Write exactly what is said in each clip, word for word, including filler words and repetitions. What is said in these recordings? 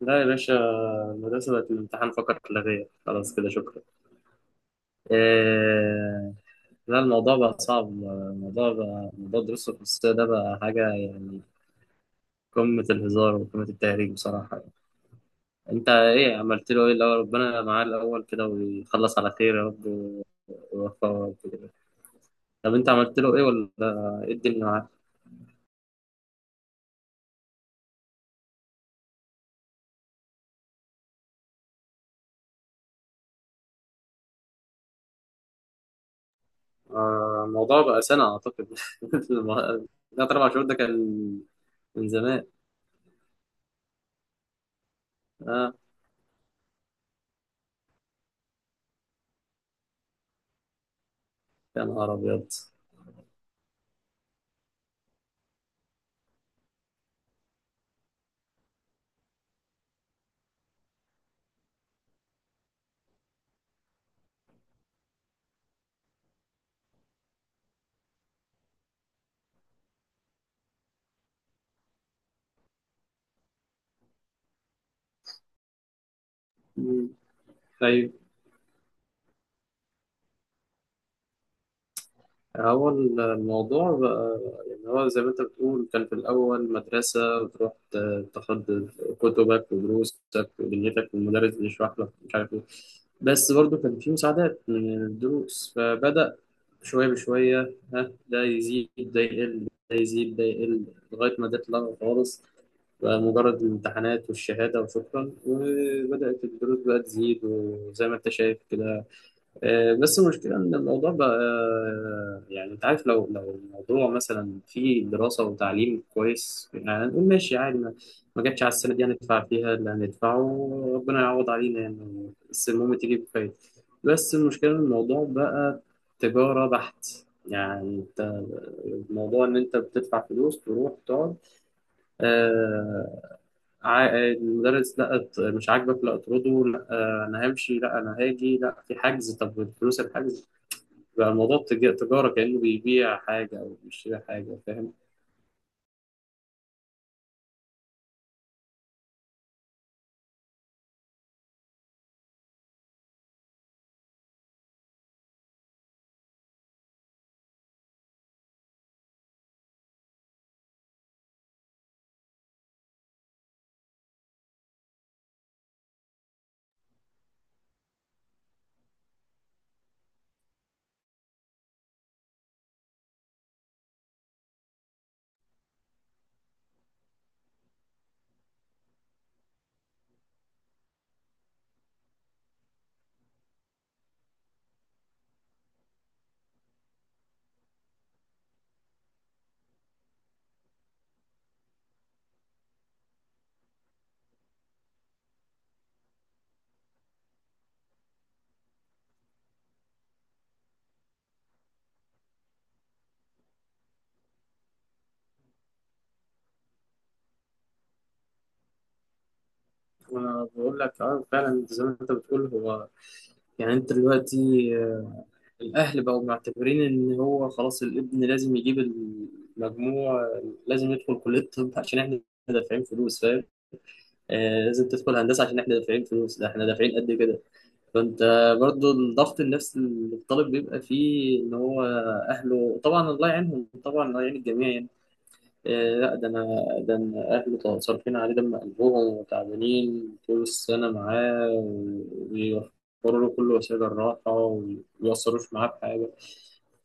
لا يا باشا، المدرسة بقت الامتحان فقط لا غير، خلاص كده شكرا. إيه... لا، الموضوع بقى صعب. الموضوع بقى موضوع الدروس الخصوصية ده بقى حاجة يعني قمة الهزار وقمة التهريج بصراحة يعني. أنت إيه عملت له؟ إيه الأول؟ ربنا معاه الأول كده ويخلص على خير يا رب، و- ويوفقه يا رب كده. طب أنت عملت له إيه ولا إيه الدنيا معاه؟ آه، الموضوع بقى سنة أعتقد. ثلاث أربع شهور ده كان من زمان. آه يا نهار أبيض! طيب، هو الموضوع بقى يعني هو زي ما انت بتقول كان في الأول مدرسة وتروح ت- تاخد كتبك ودروسك ودنيتك، والمدرس بيشرح لك مش عارف ايه، بس برضه كان في مساعدات من الدروس، فبدأ شوية بشوية، ها ده يزيد ده يقل ده يزيد ده يقل لغاية ما ده اتلغى خالص، بقى مجرد الامتحانات والشهادة وشكرا، وبدأت الدروس بقى تزيد وزي ما انت شايف كده. آه، بس المشكلة إن الموضوع بقى آه، يعني أنت عارف لو لو الموضوع مثلا فيه دراسة وتعليم كويس، يعني نقول ماشي عادي، ما, ما جاتش على السنة دي، هندفع فيها اللي هندفعه، ربنا يعوض علينا يعني، بس المهم تيجي بخير. بس المشكلة إن الموضوع بقى تجارة بحت. يعني أنت، الموضوع إن أنت بتدفع فلوس تروح تقعد، آه، ع- المدرس لا ات- مش عاجبك لا اطرده، لا آه، انا همشي، لا انا هاجي، لا في حجز، طب فلوس الحجز، بقى الموضوع تج- تجارة، كأنه بيبيع حاجة او بيشتري حاجة، فاهم؟ وانا بقول لك اه فعلا زي ما انت بتقول. هو يعني انت دلوقتي آه، الاهل بقوا معتبرين ان هو خلاص الابن لازم يجيب المجموع، لازم يدخل كلية الطب عشان احنا دافعين فلوس، فاهم؟ آه لازم تدخل هندسة عشان احنا دافعين فلوس، ده احنا دافعين قد كده. فانت برضو الضغط النفسي اللي الطالب بيبقى فيه ان هو اهله، طبعا الله يعينهم، طبعا الله يعين الجميع يعني. إيه لا ده انا ده انا اهله صارفين عليه دم قلبهم، وتعبانين طول السنه معاه، و- وبيوفروا له كل وسائل الراحه، وما بيقصروش معاه بحاجه.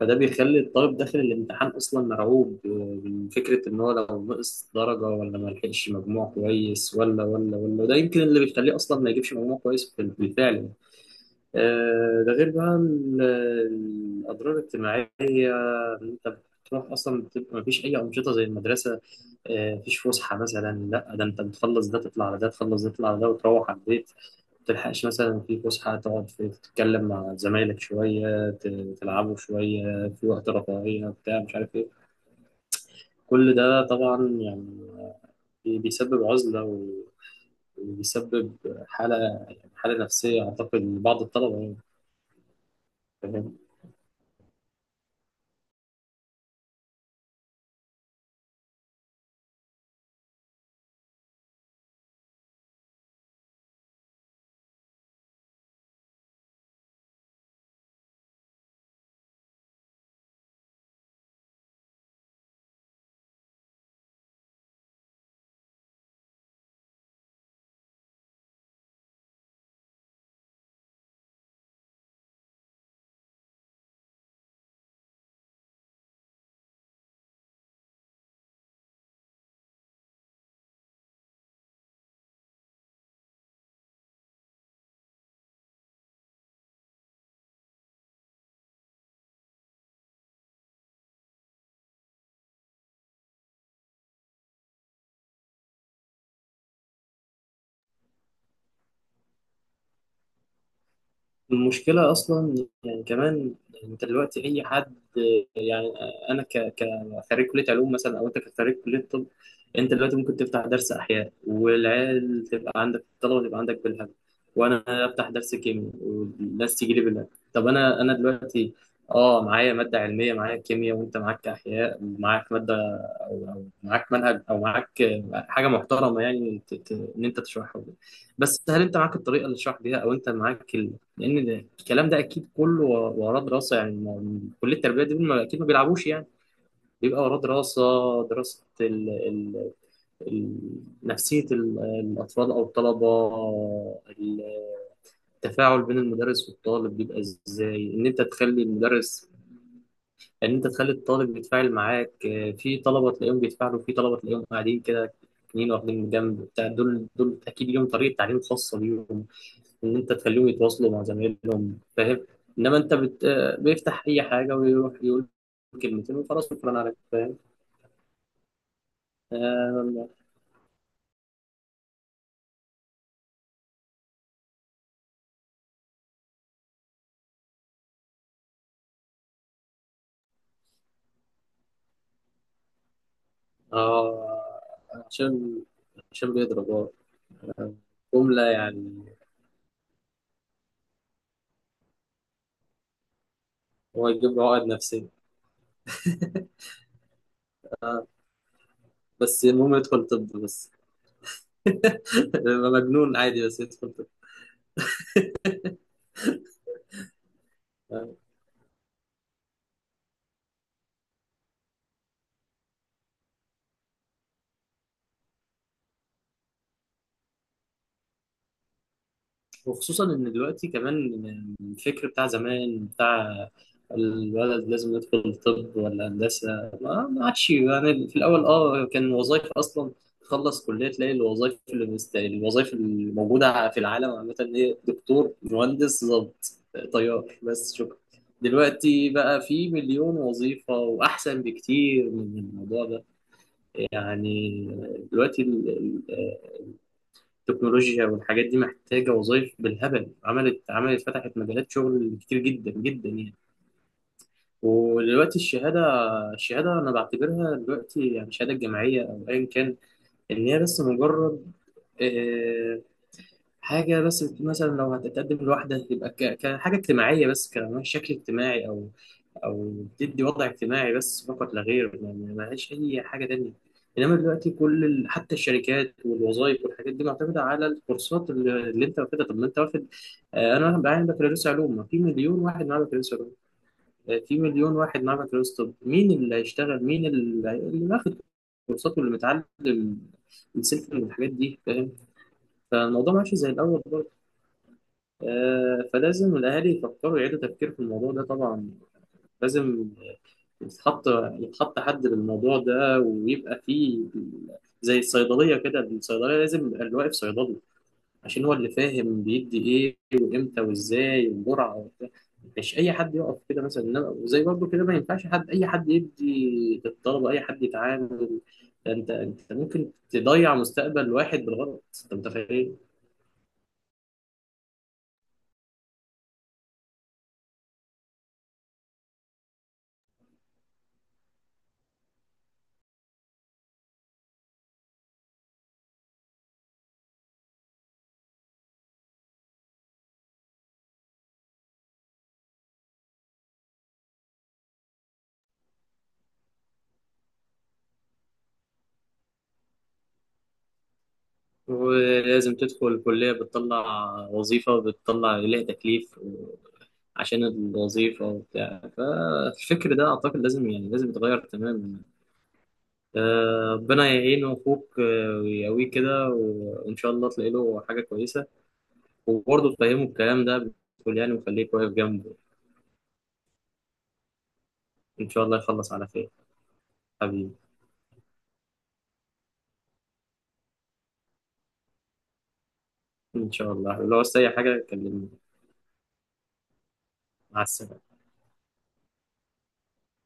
فده بيخلي الطالب داخل الامتحان اصلا مرعوب من فكره ان هو لو نقص درجه، ولا ما لحقش مجموع كويس، ولا ولا ولا، ده يمكن اللي بيخليه اصلا ما يجيبش مجموع كويس بال- بالفعل يعني. آه، ده غير بقى ال- الأضرار الاجتماعية، إن أنت بتروح أصلا بتبقى مفيش أي أنشطة زي المدرسة. آه، مفيش فسحة مثلا، لا ده أنت بتخلص ده تطلع على ده، تخلص ده تطلع على ده، وتروح على البيت. متلحقش مثلا في فسحة تقعد في- تتكلم مع زمايلك شوية، ت- تلعبوا شوية في وقت رفاهية بتاع مش عارف إيه. كل ده طبعا يعني بي- بيسبب عزلة، و- وبيسبب حالة، حالة نفسية أعتقد لبعض الطلبة يعني. المشكلة أصلا يعني كمان، أنت دلوقتي أي حد، يعني أنا ك ك- خريج كلية علوم مثلا، أو أنت كخريج كلية طب، أنت دلوقتي ممكن تفتح درس أحياء، والعيال تبقى عندك، الطلبة تبقى عندك بالهبل، وأنا أفتح درس كيمياء والناس تيجي لي بالهبل. طب أنا أنا دلوقتي أه معايا مادة علمية، معايا كيمياء، وأنت معاك أحياء ومعاك مادة، أو أو معاك منهج أو معاك حاجة محترمة يعني، ت- ت- إن أنت تشرحها. بس هل أنت معاك الطريقة اللي تشرح بيها، أو أنت معاك؟ لان ده الكلام ده اكيد كله وراه دراسه، يعني ما- كليه التربيه دي ما- اكيد ما بيلعبوش يعني، بيبقى وراه دراسه، دراسه ال ال ال نفسيه ال- الاطفال او الطلبه. التفاعل بين المدرس والطالب بيبقى ازاي، ان انت تخلي المدرس، ان انت تخلي الطالب يتفاعل معاك. آه، في طلبه تلاقيهم بيتفاعلوا، في طلبه تلاقيهم قاعدين كده اتنين واخدين جنب بتاع، دول دول اكيد ليهم طريقه تعليم خاصه بيهم، ان انت تخليهم يتواصلوا مع زمايلهم، فاهم؟ انما انت بت... آه، بيفتح اي حاجه ويروح يقول كلمتين وخلاص شكرا عليك، فاهم؟ آه... آه... عشان، عشان بيضرب اه جمله يعني. هو يجيب له عقد نفسيه بس المهم يدخل طب بس. يبقى مجنون عادي بس يدخل طب. وخصوصا ان دلوقتي كمان الفكر بتاع زمان بتاع الولد لازم يدخل طب ولا هندسه، ما ما عادش يعني. في الاول اه كان وظائف اصلا، تخلص كليه تلاقي الوظائف اللي مست... الوظائف اللي موجوده في العالم عامه هي دكتور، مهندس، ضابط، طيار، بس شكرا. دلوقتي بقى في مليون وظيفه واحسن بكتير من الموضوع ده يعني. دلوقتي التكنولوجيا والحاجات دي محتاجة وظائف بالهبل، عملت عملت فتحت مجالات شغل كتير جدا جدا يعني. ودلوقتي الشهادة، الشهادة أنا بعتبرها دلوقتي يعني، الشهادة الجامعية أو أيا كان، إن هي بس مجرد آه، حاجة بس، مثلا لو هتتقدم لوحدة تبقى ك- كحاجة اجتماعية بس، كشكل اجتماعي أو او بتدي وضع اجتماعي بس فقط لا غير، يعني ملهاش اي حاجه تانية. انما دلوقتي كل ال... حتى الشركات والوظائف والحاجات دي معتمده على الكورسات اللي, اللي انت واخدها. طب ما انت واخد، آه، انا واخد- معايا بكالوريوس علوم، ما في مليون واحد معاه بكالوريوس علوم، آه، في مليون واحد معاه بكالوريوس طب، مين اللي هيشتغل؟ مين اللي اللي واخد كورسات واللي متعلم السلك والحاجات دي، فاهم؟ فالموضوع ماشي زي الاول برضه. آه، فلازم الاهالي يفكروا، يعيدوا تفكير في الموضوع ده طبعا. لازم يتحط يتحط حد للموضوع ده، ويبقى فيه زي الصيدلية كده، الصيدلية لازم يبقى اللي واقف صيدلي، عشان هو اللي فاهم بيدي ايه وامتى وازاي والجرعة وبتاع. مش اي حد يقف كده مثلا، إنما- وزي برضه كده ما ينفعش حد، اي حد يدي للطلبة، اي حد يتعامل، ده انت، انت ممكن تضيع مستقبل واحد بالغلط، انت متخيل؟ ولازم تدخل الكلية، بتطلع وظيفة، وبتطلع ليها تكليف و- عشان الوظيفة وبتاع، فالفكر ده أعتقد لازم يعني لازم يتغير تماما. آه، ربنا يعينه أخوك، آه، ويقويه كده، و- وإن شاء الله تلاقي له حاجة كويسة، وبرضه تفهمه الكلام ده بتقول يعني، وخليك واقف جنبه. إن شاء الله يخلص على خير حبيبي. إن شاء الله لو عايز أي حاجة كلمني، مع السلامة.